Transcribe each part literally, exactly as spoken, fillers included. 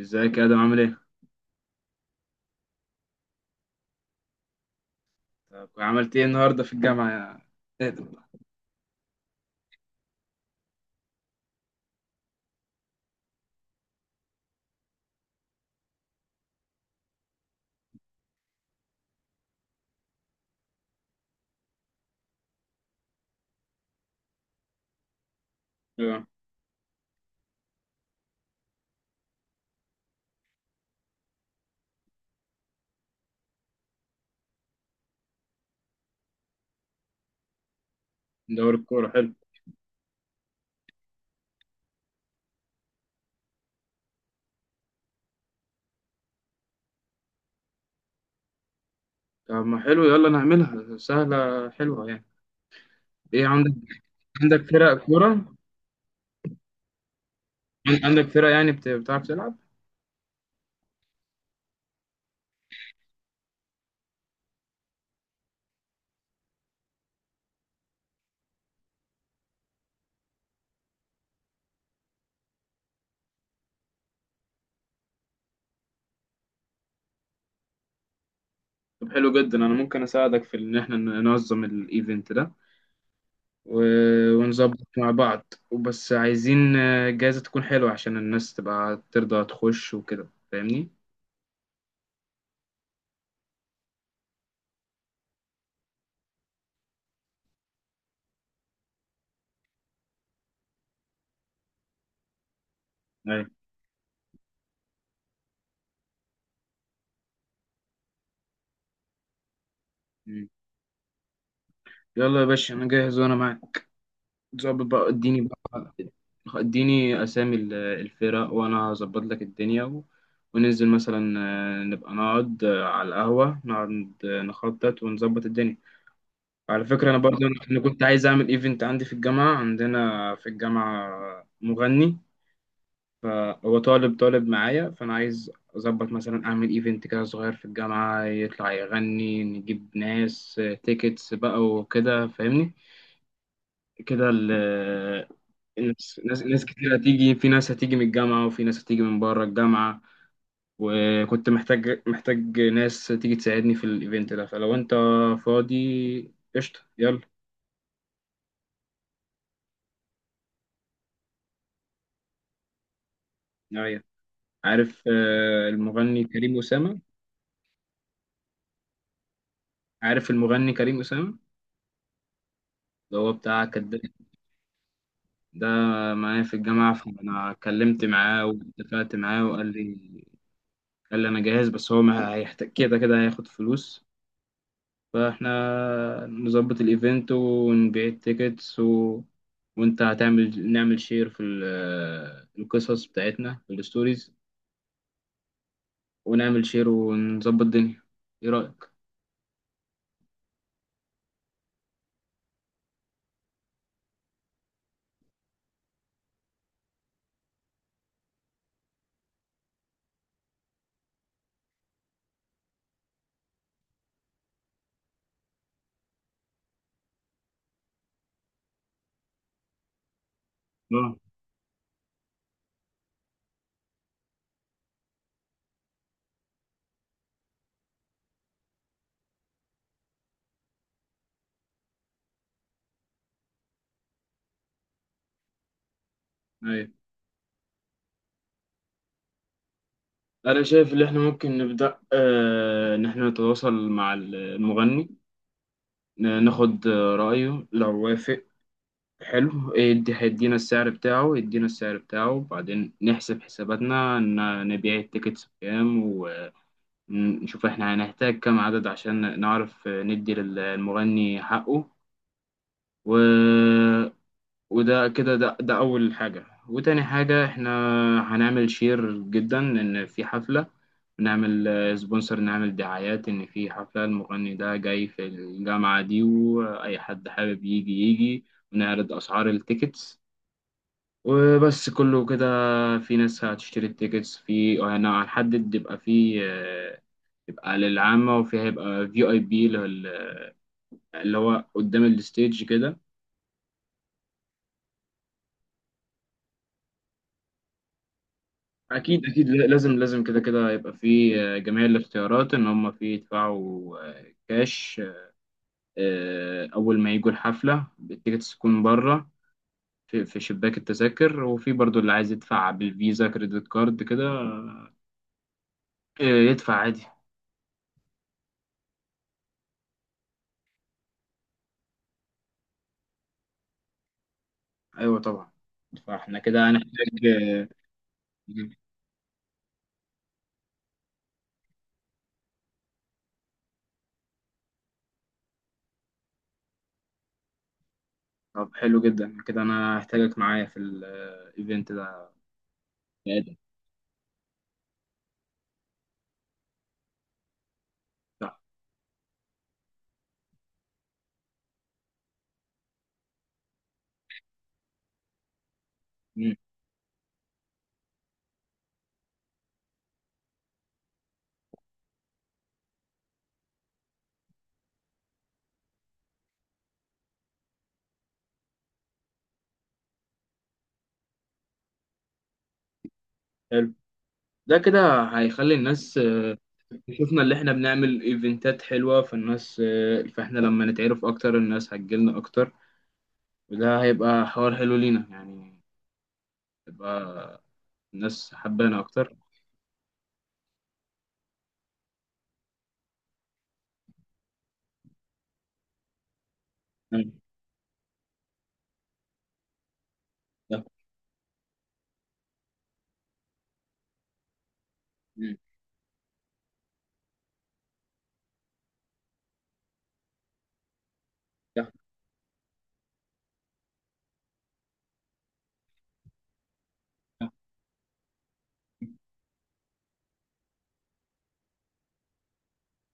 ازيك يا ادم عامل ايه؟ طب عملت ايه النهارده في الجامعه يا ادم؟ اه، دوري الكوره حلو. طب ما حلو، يلا نعملها، سهله حلوه يعني. ايه عندك؟ عندك فرق كوره؟ عن- عندك فرق، يعني بت- بتعرف تلعب؟ طب حلو جدا، انا ممكن اساعدك في ان احنا ننظم الايفنت ده و... ونظبط مع بعض، وبس عايزين آه، جايزه تكون حلوه، عشان الناس تبقى ترضى تخش وكده، فاهمني؟ ايوه. مم. يلا يا باشا، انا جاهز وانا معاك. ظبط بقى، اديني بقى، اديني اسامي ال- الفرق، وانا هظبط لك الدنيا و... وننزل مثلا، آه، نبقى نقعد آه، على القهوة، نقعد آه، نخطط ونظبط الدنيا. على فكرة انا برضو انا كنت عايز اعمل ايفنت عندي في الجامعة، عندنا في الجامعة مغني، فهو طالب طالب معايا، فانا عايز اظبط مثلا اعمل ايفنت كده صغير في الجامعة، يطلع يغني، نجيب ناس تيكتس بقى وكده، فاهمني كده. ال- ناس ناس ناس كتير هتيجي، في ناس هتيجي من الجامعة، وفي ناس هتيجي من بره الجامعة، وكنت محتاج محتاج ناس تيجي تساعدني في الايفنت ده. فلو انت فاضي قشطة، يلا. نعم. عارف آه، المغني كريم أسامة؟ عارف المغني كريم أسامة، اللي هو بتاع كداب؟ ده معايا في الجامعة، فأنا اتكلمت معاه واتفقت معاه وقال لي، قال لي أنا جاهز، بس هو ما هيحتاج كده كده هياخد فلوس. فاحنا نظبط الايفنت ونبيع التيكتس و... وانت هتعمل، نعمل شير في ال- القصص بتاعتنا في الستوريز، ونعمل شير ونظبط الدنيا. ايه رأيك؟ اه. ايوه، انا شايف ان احنا ممكن نبدأ، آه، ان احنا نتواصل مع المغني، ن- ناخد آه، رأيه، لو وافق حلو، يدي هيدينا السعر بتاعه، يدينا السعر بتاعه، وبعدين نحسب حساباتنا، ن- نبيع التيكتس بكام، ن- نشوف احنا هنحتاج كم عدد عشان نعرف ندي للمغني حقه، و... وده كده ده, ده أول حاجة. وتاني حاجة، احنا هنعمل شير جدا إن في حفلة، نعمل سبونسر، نعمل دعايات إن في حفلة المغني ده جاي في الجامعة دي، وأي حد حابب يجي يجي، ونعرض أسعار التيكتس وبس كله كده. في ناس هتشتري التيكتس، في هنحدد، يبقى في يبقى للعامة، وفي هيبقى في اي بي اللي هو قدام الستيج كده. اكيد اكيد، لا- لازم لازم كده كده يبقى في آه، جميع الاختيارات، ان هم في يدفعوا آه، كاش آه، اول ما يجوا الحفلة، التيكتس تكون بره في في شباك التذاكر، وفي برضو اللي عايز يدفع بالفيزا كريدت كارد كده، آه، يدفع عادي. ايوه طبعا. فاحنا كده هنحتاج آه، طب حلو جدا كده، انا هحتاجك معايا في الايفنت ده يا آدم. صح. حلو ده، كده هيخلي الناس آه، تشوفنا اللي احنا بنعمل ايفنتات حلوة، فالناس آه، فاحنا لما نتعرف اكتر، الناس هتجيلنا اكتر، وده هيبقى حوار حلو لينا يعني، تبقى الناس حبانا اكتر. مم. ده. مم. ده. ده.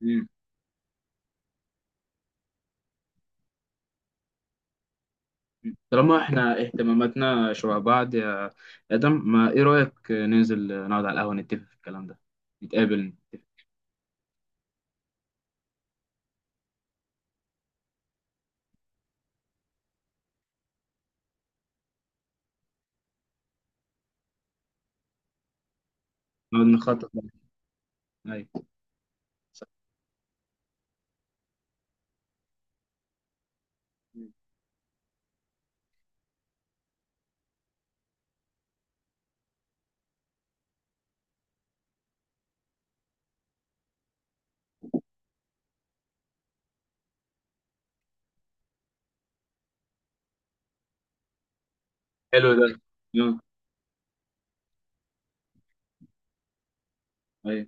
مم. مم. طالما احنا اهتماماتنا شبه بعض يا ادم، ما ايه رأيك ننزل نقعد على القهوة، نتفق في الكلام ده، نتقابل، نقعد نخطط. أيوة. صح. حلو ده. يلا. أيوة.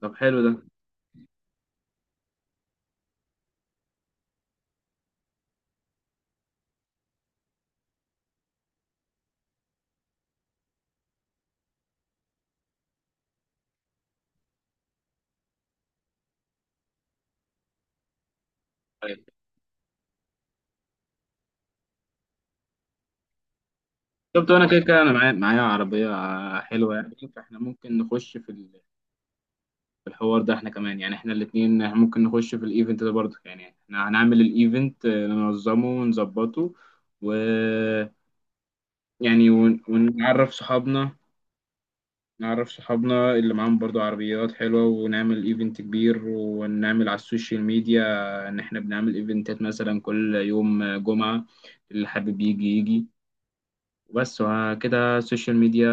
طب حلو ده. شفت، انا كده كده انا معايا معايا عربيه حلوه يعني، فاحنا ممكن نخش في ال- في الحوار ده. احنا كمان يعني احنا الاثنين ممكن نخش في الايفنت ده برضه يعني، احنا هنعمل الايفنت آه، ننظمه ونظبطه، و يعني ون- ونعرف صحابنا، نعرف صحابنا اللي معاهم برضه عربيات حلوه، ونعمل ايفنت كبير، ونعمل على السوشيال ميديا ان احنا بنعمل ايفنتات مثلا كل يوم جمعه، اللي حابب يجي يجي وبس. وكده السوشيال ميديا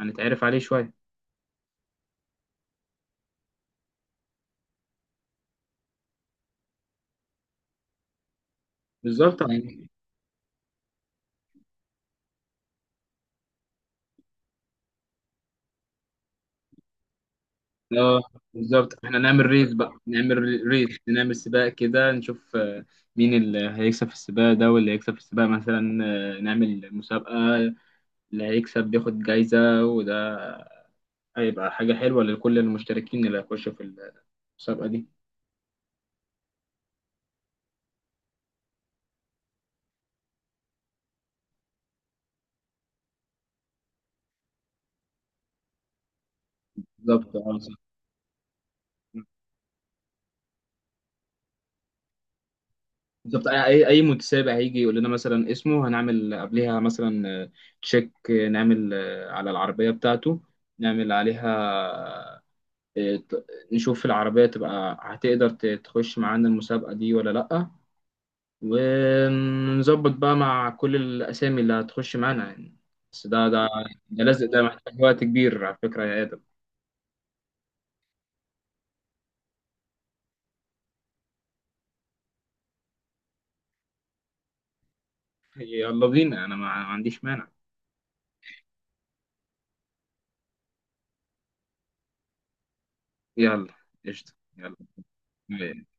هنتعرف عليه شوية. بالظبط يعني. اه، بالظبط، احنا نعمل ريس بقى، نعمل ريس، نعمل سباق كده، نشوف آه، مين اللي هيكسب في السباق ده، واللي هيكسب في السباق مثلا آه، نعمل مسابقة، اللي هيكسب بياخد جايزة، وده هيبقى حاجة حلوة لكل المشتركين اللي هيخشوا في المسابقة دي. بالظبط، اه صح. بالظبط، اي اي متسابق هيجي يقول لنا مثلا اسمه، هنعمل قبلها مثلا آه، تشيك، آه، نعمل آه، على العربيه بتاعته، نعمل عليها آه، ت- نشوف العربيه تبقى هتقدر ت- تخش معانا المسابقه دي ولا لا، ونظبط بقى مع كل الاسامي اللي هتخش معانا يعني. بس ده ده ده لازم، ده محتاج وقت كبير على فكره يا ادم. يلا بينا، انا ما ما عنديش مانع. يلا قشطه، يلا.